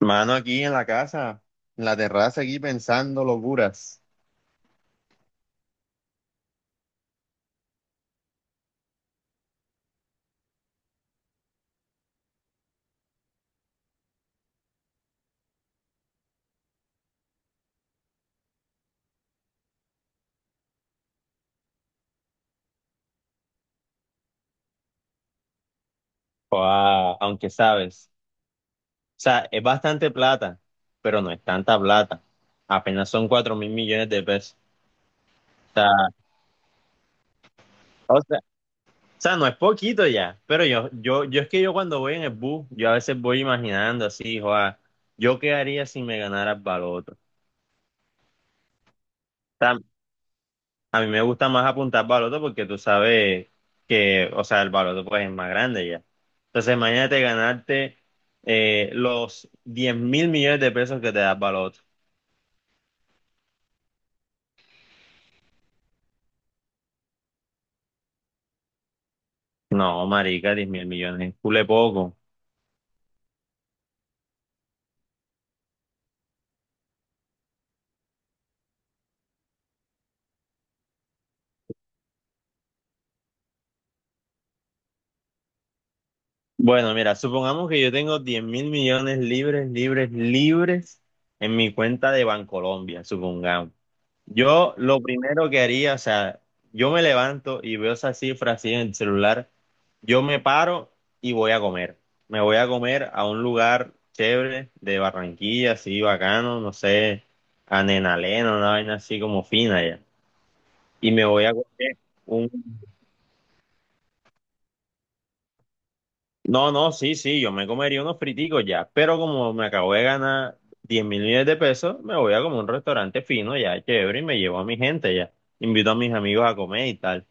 Mano, aquí en la casa, en la terraza, aquí pensando locuras. Joa, aunque sabes, o sea, es bastante plata, pero no es tanta plata. Apenas son 4.000 millones de pesos. O sea, o sea, o sea, no es poquito ya, pero yo es que yo cuando voy en el bus, yo a veces voy imaginando así, joa, yo qué haría si me ganara el baloto. A mí me gusta más apuntar baloto porque tú sabes que, o sea, el baloto pues es más grande ya. Entonces, imagínate ganarte los 10.000 millones de pesos que te da el baloto. No, marica, 10.000 millones es cule poco. Bueno, mira, supongamos que yo tengo 10.000 millones libres, libres, libres en mi cuenta de Bancolombia, supongamos. Yo lo primero que haría, o sea, yo me levanto y veo esa cifra así en el celular, yo me paro y voy a comer. Me voy a comer a un lugar chévere de Barranquilla, así bacano, no sé, a Nenalén, una vaina así como fina ya. Y me voy a comer. No, no, sí, sí, yo me comería unos friticos ya, pero como me acabo de ganar 10.000 millones de pesos, me voy a como un restaurante fino ya, chévere, y me llevo a mi gente ya. Invito a mis amigos a comer y tal.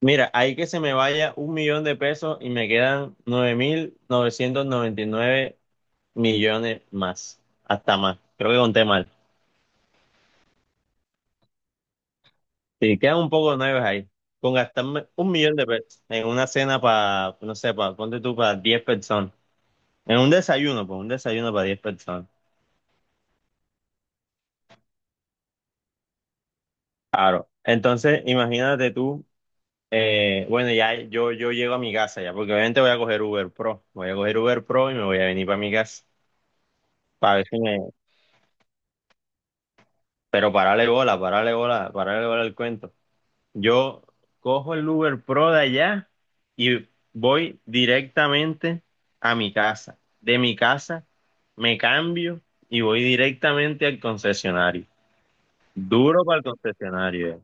Mira, ahí que se me vaya 1 millón de pesos y me quedan 9.999 millones más, hasta más. Creo que conté mal. Sí, quedan un poco de nueve ahí. Con gastarme 1 millón de pesos en una cena para, no sé, para, ponte tú para 10 personas. En un desayuno, pues un desayuno para 10 personas. Entonces, imagínate tú, bueno, ya yo llego a mi casa ya, porque obviamente voy a coger Uber Pro, voy a coger Uber Pro y me voy a venir para mi casa, para ver si me... Pero parale bola, parale bola, parale bola el cuento. Yo cojo el Uber Pro de allá y voy directamente a mi casa. De mi casa me cambio y voy directamente al concesionario. Duro para el concesionario.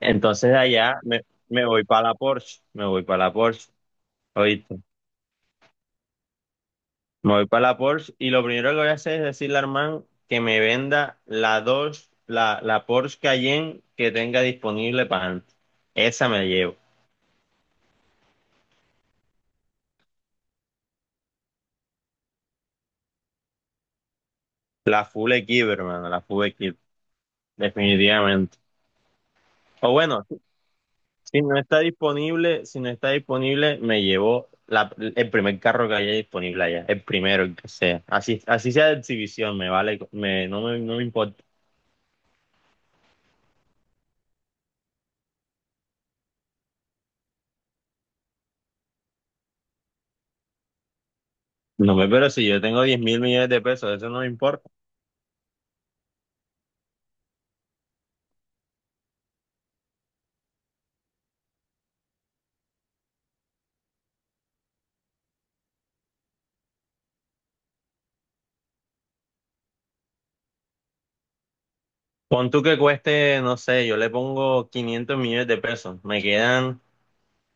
Entonces de me voy para la Porsche, me voy para la Porsche. Oíste, me voy para la Porsche y lo primero que voy a hacer es decirle a Armand que me venda la dos, la Porsche Cayenne que tenga disponible para antes. Esa me la llevo. La Full Equip, hermano, la Full Equip, definitivamente. O bueno, si no está disponible, si no está disponible, me llevo el primer carro que haya disponible allá, el primero, el que sea. Así, así sea de exhibición, me vale, no no me importa. Pero si yo tengo 10.000 millones de pesos, eso no me importa. Pon tú que cueste, no sé, yo le pongo 500 millones de pesos. Me quedan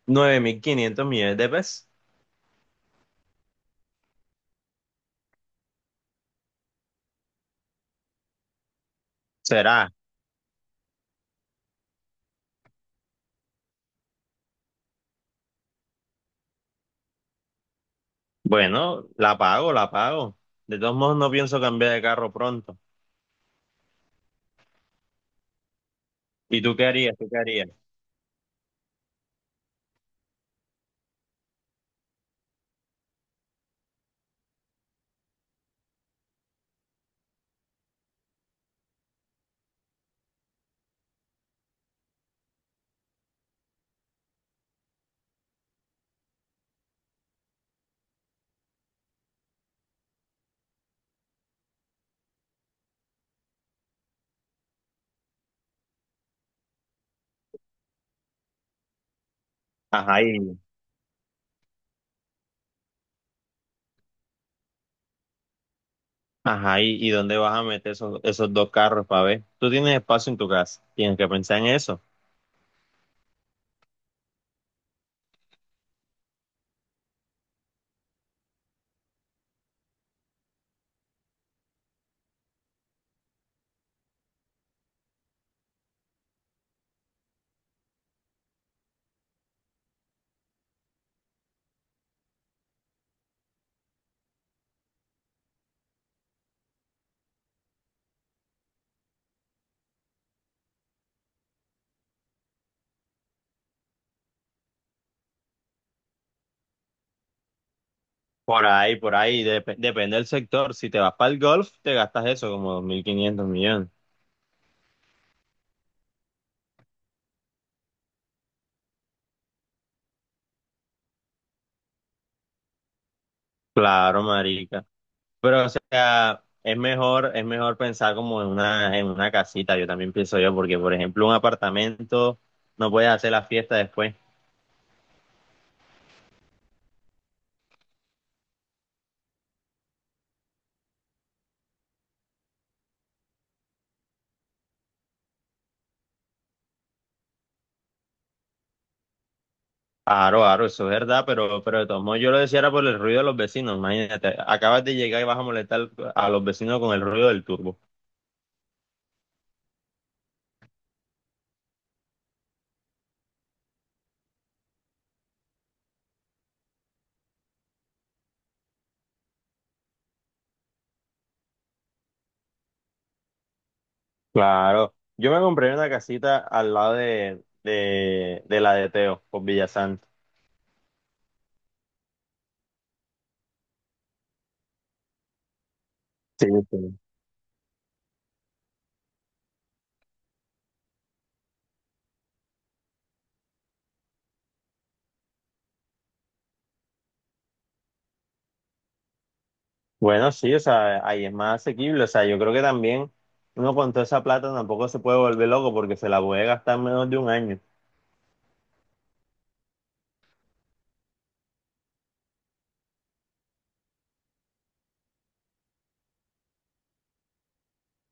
9.500 millones de pesos. ¿Será? Bueno, la pago, la pago. De todos modos, no pienso cambiar de carro pronto. ¿Y tú qué harías? ¿Tú qué harías? Ajá, y, ajá, ¿y dónde vas a meter esos, esos dos carros para ver? Tú tienes espacio en tu casa. Tienes que pensar en eso. Por ahí, por ahí. Dep- depende del sector. Si te vas para el golf, te gastas eso como 2.500 millones. Claro, marica. Pero, o sea, es mejor pensar como en una casita, yo también pienso yo, porque, por ejemplo, un apartamento no puedes hacer la fiesta después. Aro, aro, eso es verdad, pero de todos modos yo lo decía era por el ruido de los vecinos, imagínate, acabas de llegar y vas a molestar a los vecinos con el ruido del turbo. Claro, yo me compré una casita al lado de la de Teo, por Villasanta. Sí, sí. Bueno, sí, o sea, ahí es más asequible. O sea, yo creo que también uno con toda esa plata tampoco se puede volver loco porque se la puede gastar en menos de un año.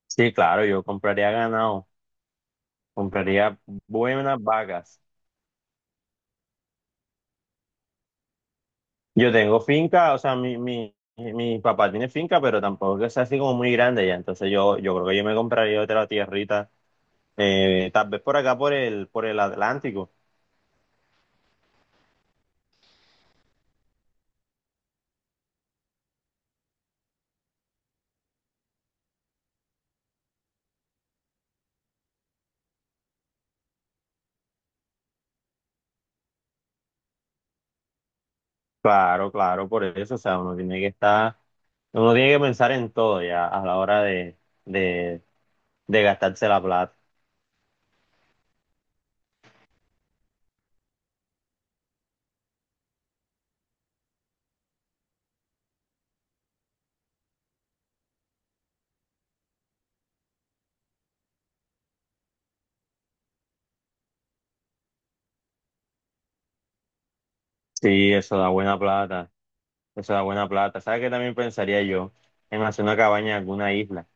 Sí, claro, yo compraría ganado, compraría buenas vacas. Yo tengo finca, o sea, mi papá tiene finca, pero tampoco es que sea así como muy grande ya. Entonces yo creo que yo me compraría otra tierrita, tal vez por acá por por el Atlántico. Claro, claro, por eso. O sea, uno tiene que estar, uno tiene que pensar en todo ya a la hora de- de gastarse la plata. Sí, eso da buena plata, eso da buena plata. ¿Sabes qué también pensaría yo? En hacer una cabaña en alguna isla.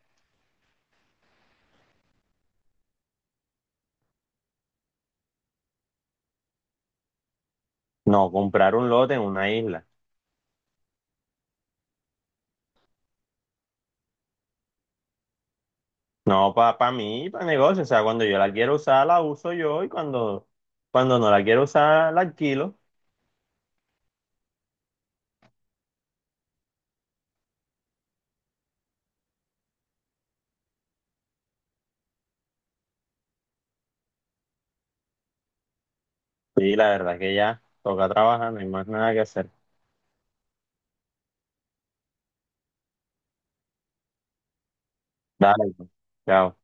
No, comprar un lote en una isla. No, para pa mí, para negocio. O sea, cuando yo la quiero usar, la uso yo y cuando no la quiero usar, la alquilo. Sí, la verdad es que ya toca trabajar, no hay más nada que hacer. Dale, pues. Chao.